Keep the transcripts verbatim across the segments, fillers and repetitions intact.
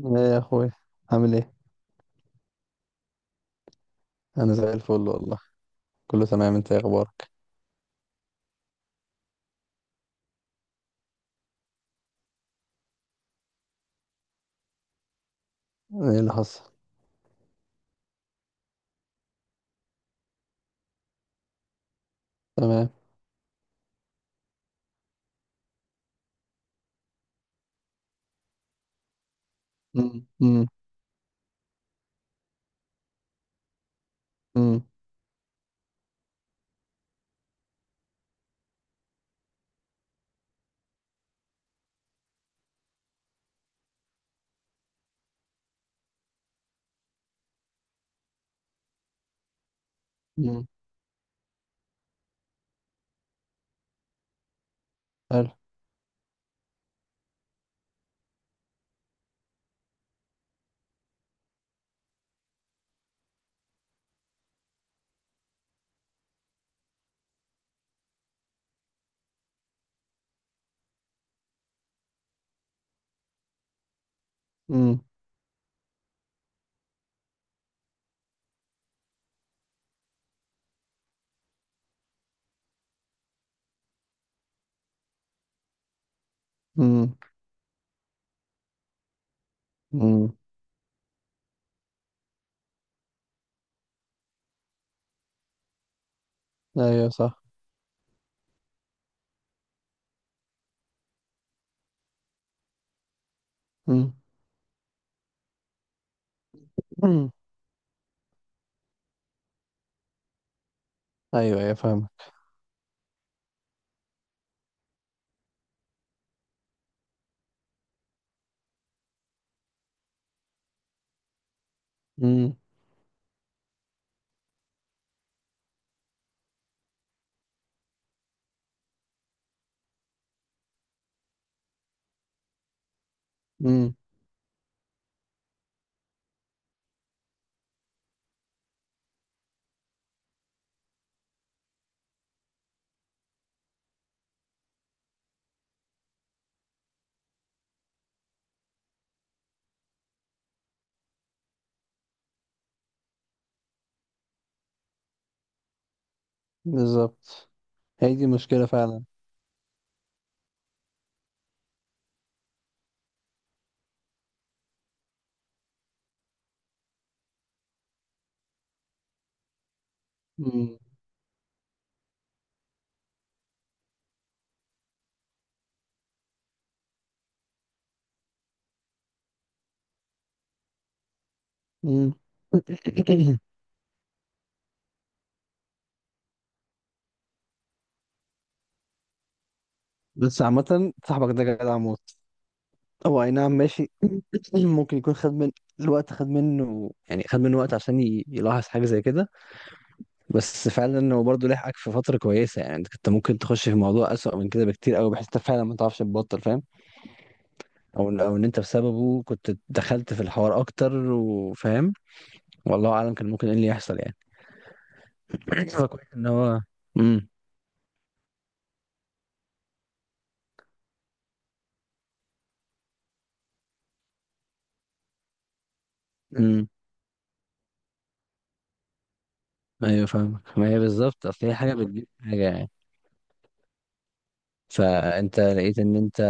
ايه يا اخوي، عامل ايه؟ انا زي الفل والله. كله تمام، انت ايه اخبارك؟ ايه اللي حصل؟ تمام. امم، امم. امم، امم. حلو. امم. امم. امم. ايوه، صح. امم. امم. ايوه، ايوه، فاهمك. امم. امم. بالظبط، هي دي مشكلة فعلا. امم. امم. بس عامة صاحبك ده جدع موت. هو اي نعم، ماشي. ممكن يكون خد من الوقت، خد منه، يعني خد منه وقت، عشان ي- يلاحظ حاجة زي كده. بس فعلا هو برضه لحقك في فترة كويسة، يعني انت كنت ممكن تخش في موضوع أسوأ من كده بكتير قوي، بحيث انت فعلا ما تعرفش تبطل، فاهم. او إن- او ان انت بسببه كنت دخلت في الحوار اكتر، وفاهم. والله اعلم كان ممكن ايه اللي يحصل يعني. فكويس ان هو. امم. امم. ايوه فاهمك. ما هي بالظبط، اصل هي حاجة بتجيب حاجة يعني. فانت لقيت ان انت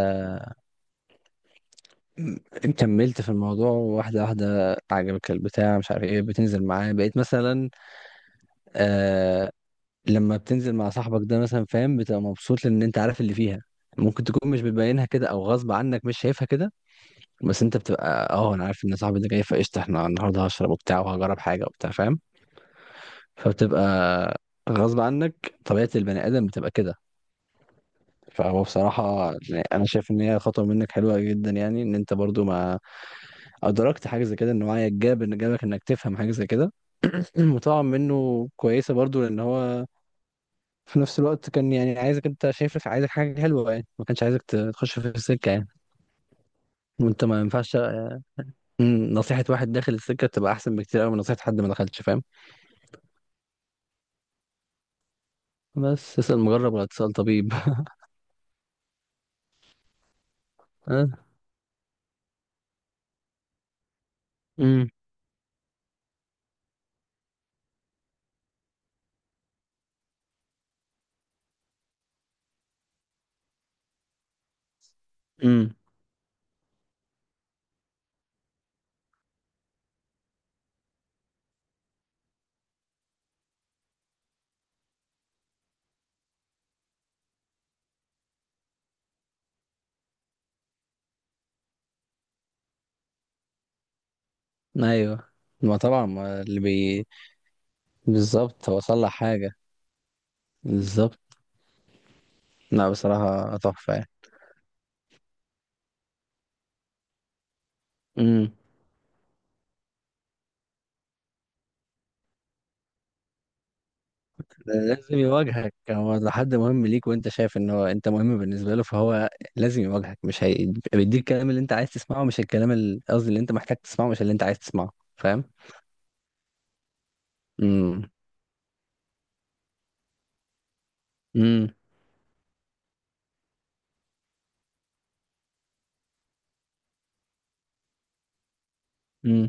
م- كملت في الموضوع، واحدة واحدة، عجبك البتاع، مش عارف ايه، بتنزل معاه، بقيت مثلا. آه، لما بتنزل مع صاحبك ده مثلا فاهم، بتبقى مبسوط لان انت عارف اللي فيها. ممكن تكون مش بتبينها كده، او غصب عنك مش شايفها كده. بس انت بتبقى: اه، انا عارف ان صاحبي ده جاي، فقشطه احنا النهارده هشرب وبتاع، وهجرب حاجه وبتاع، فاهم. فبتبقى غصب عنك، طبيعه البني ادم بتبقى كده. فهو بصراحة يعني أنا شايف إن هي خطوة منك حلوة جدا، يعني إن أنت برضو ما أدركت حاجة زي كده، إن وعيك جاب، إن جابك إنك تفهم حاجة زي كده. المطاعم منه كويسة برضو، لأن هو في نفس الوقت كان يعني عايزك، انت شايف، عايزك حاجة حلوة يعني، ما كانش عايزك ت- تخش في السكة يعني. وانت ما ينفعش. آه، مم، نصيحة واحد داخل السكة تبقى أحسن بكتير قوي من نصيحة حد ما دخلش، فاهم. بس اسأل مجرب ولا تسأل طبيب. اه. امم. امم. ايوه. ما طبعا، ما اللي بي. بالظبط، هو صلح حاجة. بالظبط. لا بصراحة تحفة يعني. مم. ده لازم يواجهك، هو لو حد مهم ليك، وانت شايف ان هو انت مهم بالنسبه له، فهو لازم يواجهك، مش هي... بيديك الكلام اللي انت عايز تسمعه، مش الكلام ال- قصدي اللي انت محتاج تسمعه، مش اللي انت عايز تسمعه، فاهم. امم. امم. امم.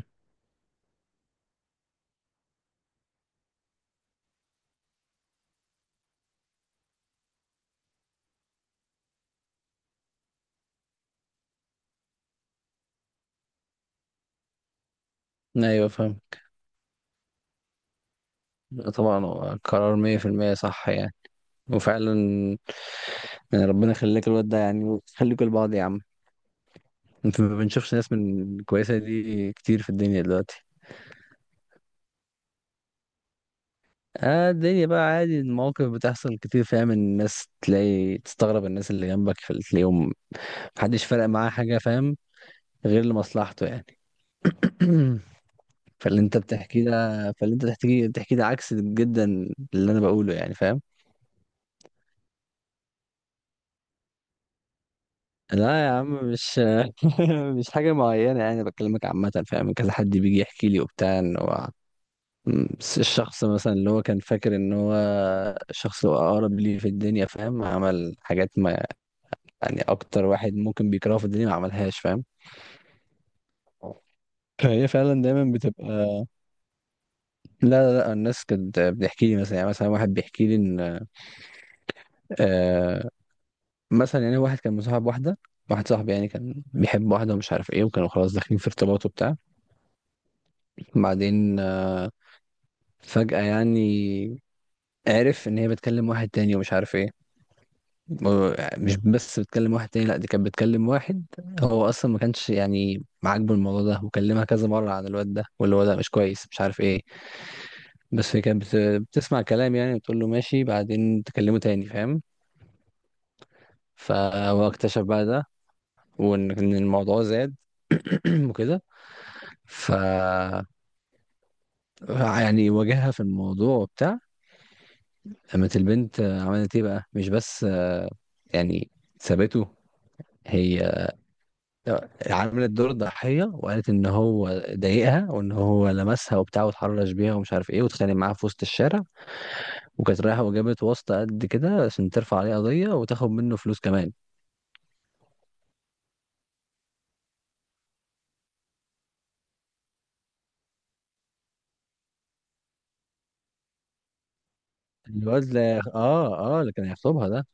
ايوه فاهم. لا طبعا، هو قرار مية في المية صح يعني. وفعلا يعني ربنا يخليك الواد ده، يعني خليكوا لبعض يا عم. انت ما بنشوفش ناس من كويسه دي كتير في الدنيا دلوقتي. اه الدنيا بقى عادي، المواقف بتحصل كتير، فاهم. الناس تلاقي تستغرب الناس اللي جنبك في اليوم، محدش فارق معاه حاجة، فاهم، غير لمصلحته يعني. فاللي انت بتحكيه ده، فاللي انت بتحكيه بتحكيه ده عكس جدا اللي انا بقوله يعني، فاهم. لا يا عم، مش. مش حاجة معينة يعني، بكلمك عامة فاهم، كذا حد بيجي يحكي لي وبتاع ان هو م، الشخص مثلا اللي هو كان فاكر ان هو الشخص اللي هو اقرب لي في الدنيا، فاهم، عمل حاجات ما. يعني اكتر واحد ممكن بيكرهه في الدنيا ما عملهاش، فاهم. فهي فعلا دايما بتبقى. لا، لا، لا، الناس كانت بتحكي لي مثلا يعني، مثلا واحد بيحكي لي ان آه مثلا، يعني واحد كان مصاحب واحده، واحد صاحبي يعني، كان بيحب واحده، ومش عارف ايه، وكانوا خلاص داخلين في ارتباط وبتاع، بعدين آه، فجاه يعني، عرف ان هي بتكلم واحد تاني، ومش عارف ايه. و- مش بس بتكلم واحد تاني، لا دي كانت بتكلم واحد. هو اصلا ما كانش يعني عاجبه الموضوع ده، وكلمها كذا مره عن الواد ده، واللي هو ده مش كويس، مش عارف ايه. بس هي كانت بت- بتسمع كلام يعني، بتقول له ماشي، بعدين تكلمه تاني، فاهم. فهو اكتشف بقى ده، وان إن الموضوع زاد، وكده ف يعني، واجهها في الموضوع وبتاع. قامت البنت عملت ايه بقى؟ مش بس يعني سابته، هي عملت دور الضحية، وقالت ان هو ضايقها، وان هو لمسها وبتاع، واتحرش بيها، ومش عارف ايه، واتخانق معاها في وسط الشارع، وكانت رايحة وجابت واسطة قد كده عشان ترفع عليه قضية، وتاخد منه فلوس كمان. الواد، لا، اه، اه، اللي كان هيخطبها ده.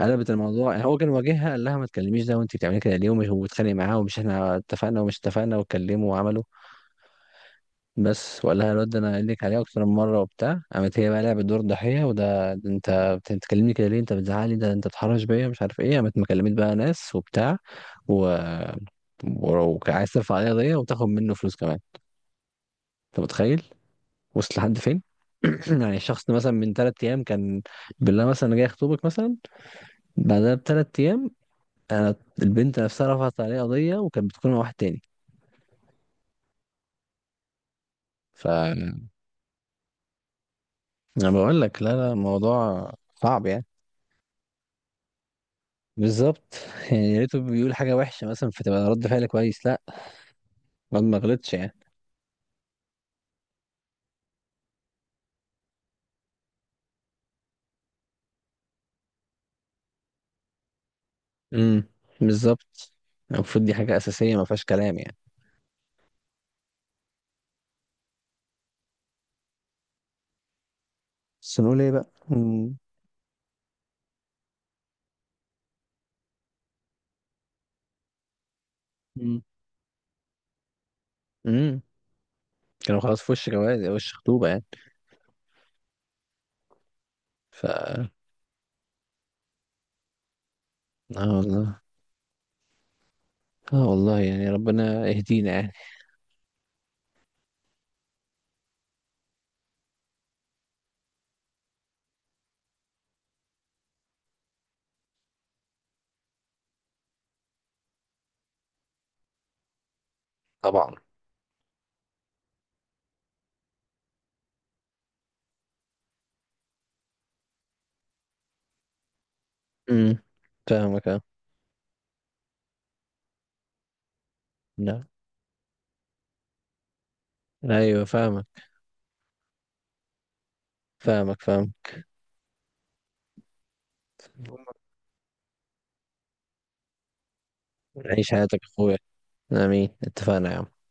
قلبت الموضوع يعني، هو كان واجهها قال لها ما تكلميش ده، وانت بتعملي كده ليه؟ ومش، وبتخانق معاه، ومش احنا اتفقنا، ومش اتفقنا، واتكلموا وعملوا. بس، وقال لها الواد ده، انا قايل لك عليه اكتر من مره وبتاع، قامت هي بقى لعبت دور ضحيه، وده ده انت بتتكلمني كده ليه؟ انت بتزعلي، ده انت بتحرش بيا، مش عارف ايه، قامت مكلمت بقى ناس وبتاع، و ولو عايز ترفع عليها قضيه وتاخد منه فلوس كمان. انت متخيل؟ وصل لحد فين؟ يعني الشخص ده مثلا من ثلاث ايام كان، بالله مثلا، أنا جاي اخطبك مثلا، بعدها بثلاث ايام، انا البنت نفسها رفعت عليه قضيه، وكانت بتكون مع واحد تاني. ف انا بقول لك، لا لا، الموضوع صعب يعني. بالظبط. يعني يا ريته بيقول حاجه وحشه مثلا، فتبقى رد فعل كويس، لا، الواد ما غلطش يعني. امم. بالظبط، المفروض دي حاجه اساسيه، ما فيهاش كلام يعني. بس نقول ايه بقى؟ امم. امم. أمم. كانوا خلاص في وش جواز، وش خطوبه يعني. ف اه. والله. اه والله، يعني ربنا يهدينا يعني. طبعا. امم. فاهمك اه. لا. ايوه فاهمك. فاهمك، فاهم. عيش حياتك يا اخويا. امين، اتفقنا يا عم.